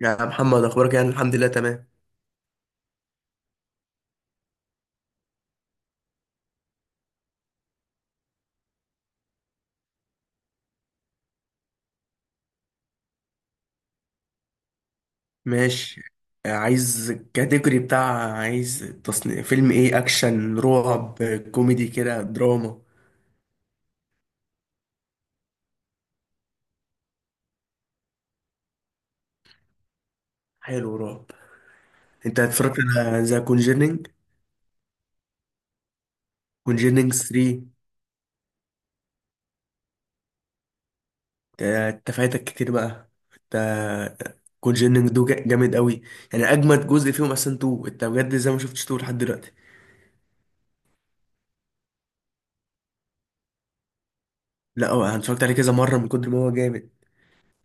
يا محمد، اخبارك؟ يعني الحمد لله تمام. ماشي. عايز الكاتيجوري بتاع عايز تصنيف فيلم ايه؟ اكشن، رعب، كوميدي كده، دراما؟ حلو، رعب. انت اتفرجت على ذا كونجيرنينج؟ كونجيرنينج 3؟ انت فايتك كتير بقى انت. كونجيرنينج دو جامد قوي. يعني اجمد جزء فيهم اصلا 2. انت بجد زي ما شفتش 2 لحد دلوقتي؟ لا، هو انا اتفرجت عليه كذا مره من كتر ما هو جامد.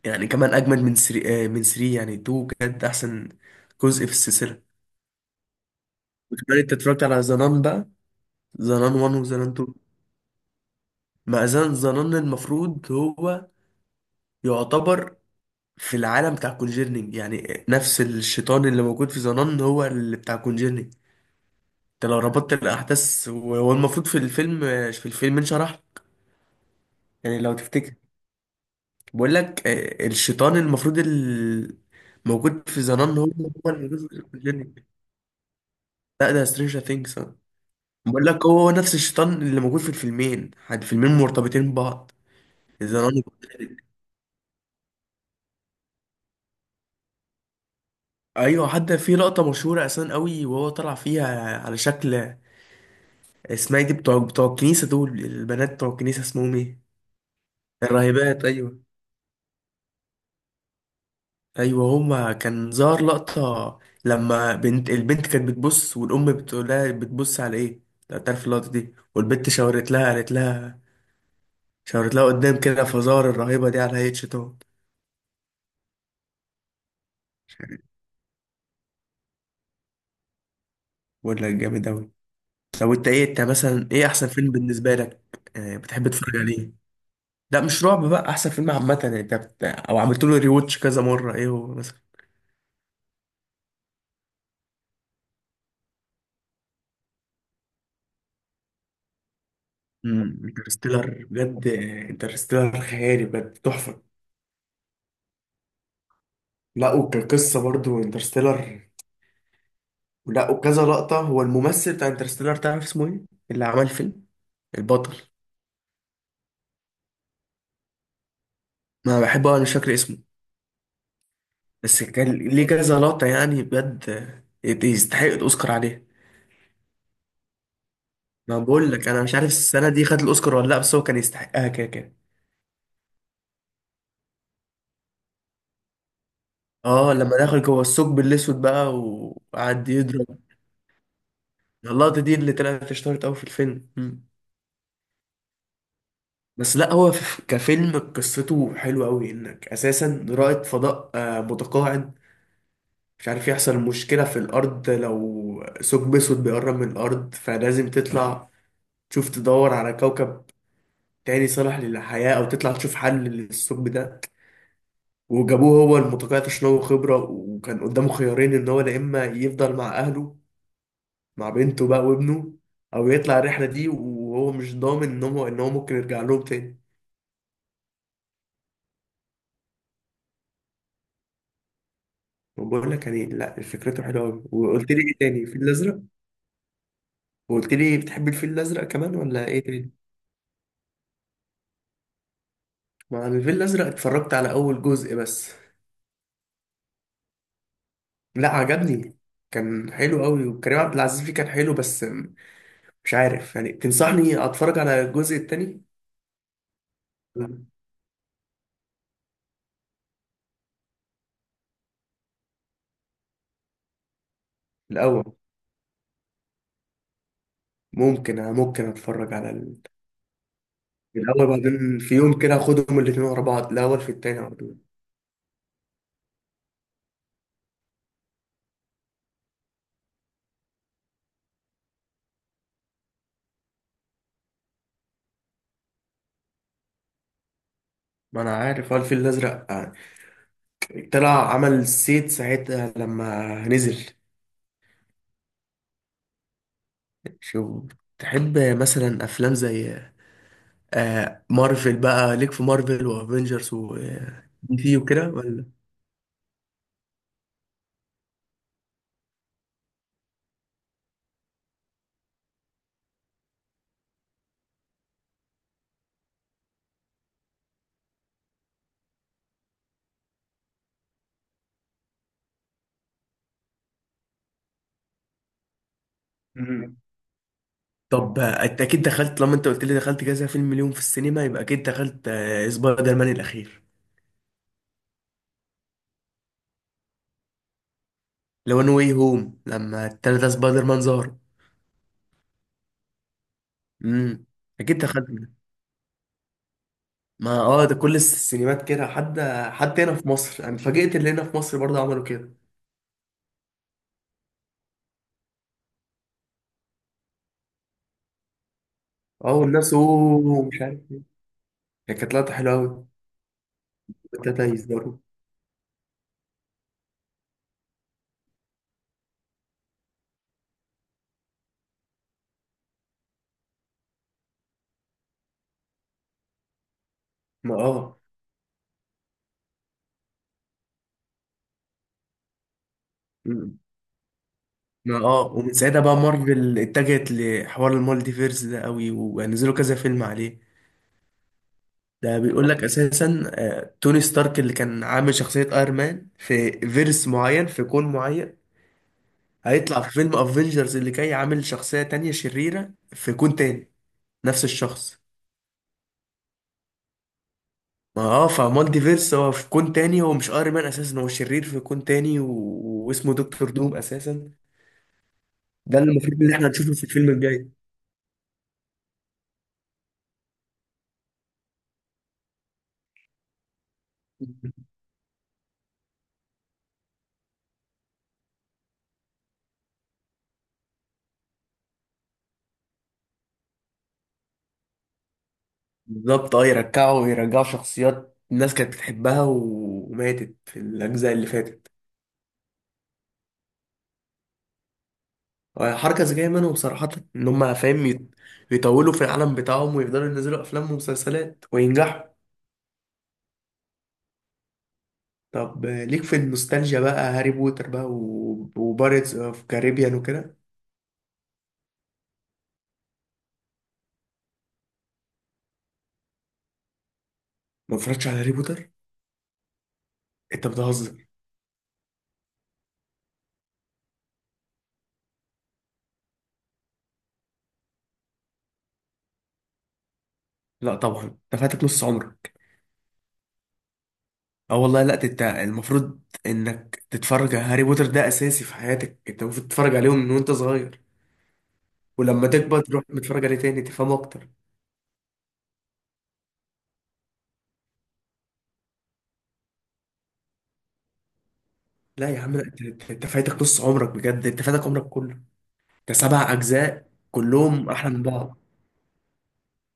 يعني كمان اجمد من 3، يعني 2 بجد احسن جزء في السلسله. وكمان انت اتفرجت على زنان بقى؟ زنان 1 وزنان 2. مع زنان زنان المفروض هو يعتبر في العالم بتاع كونجيرنينج. يعني نفس الشيطان اللي موجود في زنان هو اللي بتاع كونجيرنينج. انت لو ربطت الاحداث، وهو المفروض في الفيلم، في الفيلم انشرح، يعني لو تفتكر. بقول لك الشيطان المفروض موجود في زنان، هو هو اللي موجود في كونجيرنينج. لا ده سترينجر ثينجز. بقول لك هو نفس الشيطان اللي موجود في الفيلمين، الفيلمين مرتبطين ببعض. زنان. ايوه، حتى في لقطه مشهوره اساسا قوي وهو طلع فيها على شكل. اسمها إيه دي، بتوع الكنيسه؟ دول البنات بتوع الكنيسه اسمهم ايه؟ الراهبات، ايوه. ايوه، هما كان ظهر لقطه لما البنت كانت بتبص، والام بتقول لها بتبص على ايه. لو تعرف اللقطه دي، والبنت شاورت لها، قالت لها. شاورت لها قدام كده، فزار الرهيبه دي على هيئه شيطان. ولا جامد اوي. طب انت ايه، انت مثلا ايه احسن فيلم بالنسبه لك بتحب تتفرج عليه؟ لا مش رعب بقى، احسن فيلم عامه، يعني انت او عملت له ريوتش كذا مره ايه هو مثلا؟ انترستيلر بجد. انترستيلر خيالي، بجد تحفه. لا، وكقصه برضو انترستيلر. لا، وكذا لقطه. هو الممثل بتاع انترستيلر تعرف اسمه ايه؟ اللي عمل الفيلم، البطل. ما بحبه انا، مش فاكر اسمه. بس كان ليه كذا لقطه يعني بجد يستحق الاوسكار عليه. ما بقول لك انا مش عارف السنه دي خد الاوسكار ولا لا، بس هو كان يستحقها كده كده. اه، لما دخل جوه الثقب الاسود بقى وقعد يضرب. اللقطة دي اللي طلعت اشتهرت أوي في الفيلم. بس لا، هو كفيلم قصته حلوة أوي، إنك أساسا رائد فضاء متقاعد مش عارف. يحصل مشكلة في الأرض، لو ثقب أسود بيقرب من الأرض، فلازم تطلع تشوف، تدور على كوكب تاني صالح للحياة، أو تطلع تشوف حل للثقب ده. وجابوه هو المتقاعد عشان هو خبرة، وكان قدامه خيارين، إن هو يا إما يفضل مع أهله، مع بنته بقى وابنه، أو يطلع الرحلة دي، وهو مش ضامن إن هو ممكن يرجع لهم تاني. بقول لك يعني، لا فكرته حلوه قوي. وقلت لي ايه تاني؟ الفيل الازرق. وقلت لي بتحب الفيل الازرق كمان ولا ايه تاني؟ مع الفيل الازرق اتفرجت على اول جزء بس. لا عجبني، كان حلو قوي، وكريم عبد العزيز فيه كان حلو، بس مش عارف يعني تنصحني اتفرج على الجزء التاني؟ لا، الاول. ممكن اتفرج على الاول، بعدين في يوم كده اخدهم الاتنين ورا بعض، الاول في التاني على طول. ما انا عارف هو الفيل الازرق طلع عمل سيت ساعتها لما نزل. شوف، تحب مثلا افلام زي مارفل بقى؟ ليك في مارفل وافنجرز ودي سي وكده ولا؟ مم. طب انت اكيد دخلت. لما انت قلت لي دخلت كذا فيلم اليوم في السينما، يبقى اكيد دخلت سبايدر مان الاخير، لو نو واي هوم، لما التلاتة سبايدر مان ظهر. امم اكيد دخلت منه. ما ده كل السينمات كده، حتى هنا في مصر انا اتفاجئت اللي هنا في مصر برضه عملوا كده. اه، والناس مش عارف، ايه كانت لقطة حلوة قوي. التلاتة يزدروا. ما مم. ما ومن ساعتها بقى مارفل اتجهت لحوار المالتيفيرس ده قوي، ونزلوا كذا فيلم عليه. ده بيقول لك اساسا توني ستارك اللي كان عامل شخصية ايرون مان في فيرس معين، في كون معين، هيطلع في فيلم افنجرز اللي جاي عامل شخصية تانية شريرة في كون تاني. نفس الشخص. ما فمالتيفيرس هو في كون تاني، هو مش ايرون مان اساسا، هو شرير في كون تاني، واسمه دكتور دوم اساسا. ده اللي المفروض اللي احنا هنشوفه في الفيلم الجاي. بالظبط اه، يرجعوا ويرجعوا شخصيات الناس كانت بتحبها وماتت في الأجزاء اللي فاتت. حركة ذكية منهم صراحة، إن هم فاهم يطولوا في العالم بتاعهم ويفضلوا ينزلوا أفلام ومسلسلات وينجحوا. طب ليك في النوستالجيا بقى هاري بوتر بقى وبارتس أوف كاريبيان وكده؟ ما اتفرجتش على هاري بوتر. أنت بتهزر؟ لا طبعا. انت فاتك نص عمرك. اه والله، لا، انت المفروض انك تتفرج على هاري بوتر، ده اساسي في حياتك. انت المفروض تتفرج عليهم من وانت صغير، ولما تكبر تروح متفرج عليه تاني تفهمه اكتر. لا يا عم لا، انت انت أنت فايتك نص عمرك بجد، انت فايتك عمرك كله. انت سبع اجزاء كلهم احلى من بعض.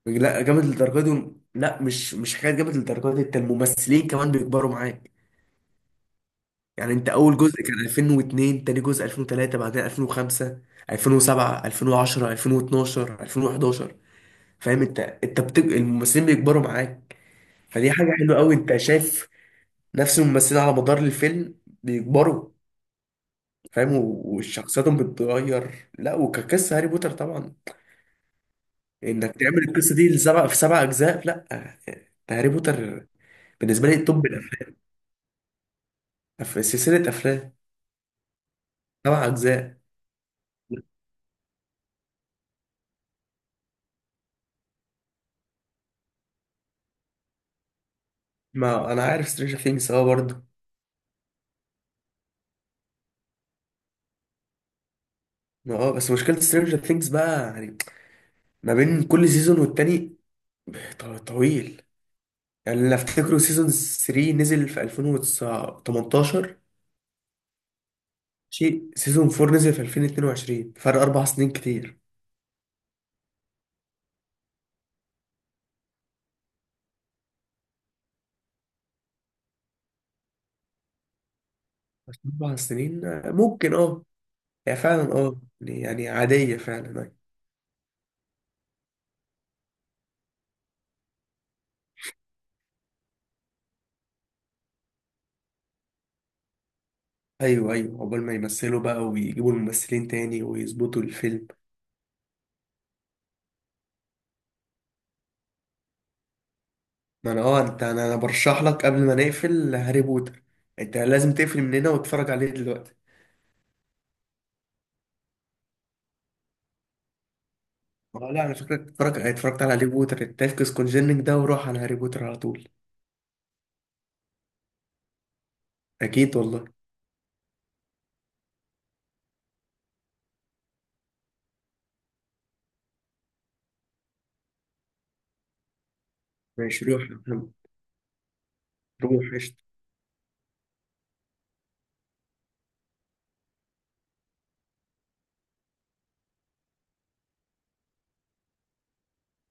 لا جامد للدرجه دي، لا، مش حكايه جامد للدرجه دي. انت الممثلين كمان بيكبروا معاك. يعني انت اول جزء كان 2002، تاني جزء 2003، بعدين 2005، 2007، 2010، 2012، 2011. فاهم انت، الممثلين بيكبروا معاك. فدي حاجه حلوه قوي، انت شايف نفس الممثلين على مدار الفيلم بيكبروا، فاهم، وشخصياتهم بتتغير. لا، وكقصة هاري بوتر طبعا، انك تعمل القصة دي لسبع في سبع اجزاء. لا، ده هاري بوتر بالنسبة لي توب الافلام. في سلسلة افلام سبع اجزاء. ما انا عارف سترينجر ثينجز برضه. اه، بس مشكلة سترينجر ثينجز بقى يعني ما بين كل سيزون والتاني طويل. يعني اللي افتكره سيزون 3 نزل في 2018، شيء سيزون 4 نزل في 2022. فرق 4 سنين كتير. بس 4 سنين ممكن اه. هي فعلا يعني عادية فعلا، ايوه. ايوه ايوه، عقبال ما يمثلوا بقى ويجيبوا الممثلين تاني ويظبطوا الفيلم. ما انا اه انت انا أنا برشح لك، قبل ما نقفل هاري بوتر انت لازم تقفل من هنا وتتفرج عليه دلوقتي. اه لا، انا فاكرك اتفرجت على هاري بوتر. التفكس كونجيننج ده وروح على هاري بوتر على طول. اكيد والله. ماشي روح يا محمد. روح قشطة.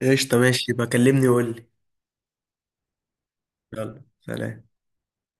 قشطة ماشي، بكلمني وقول لي. يلا سلام.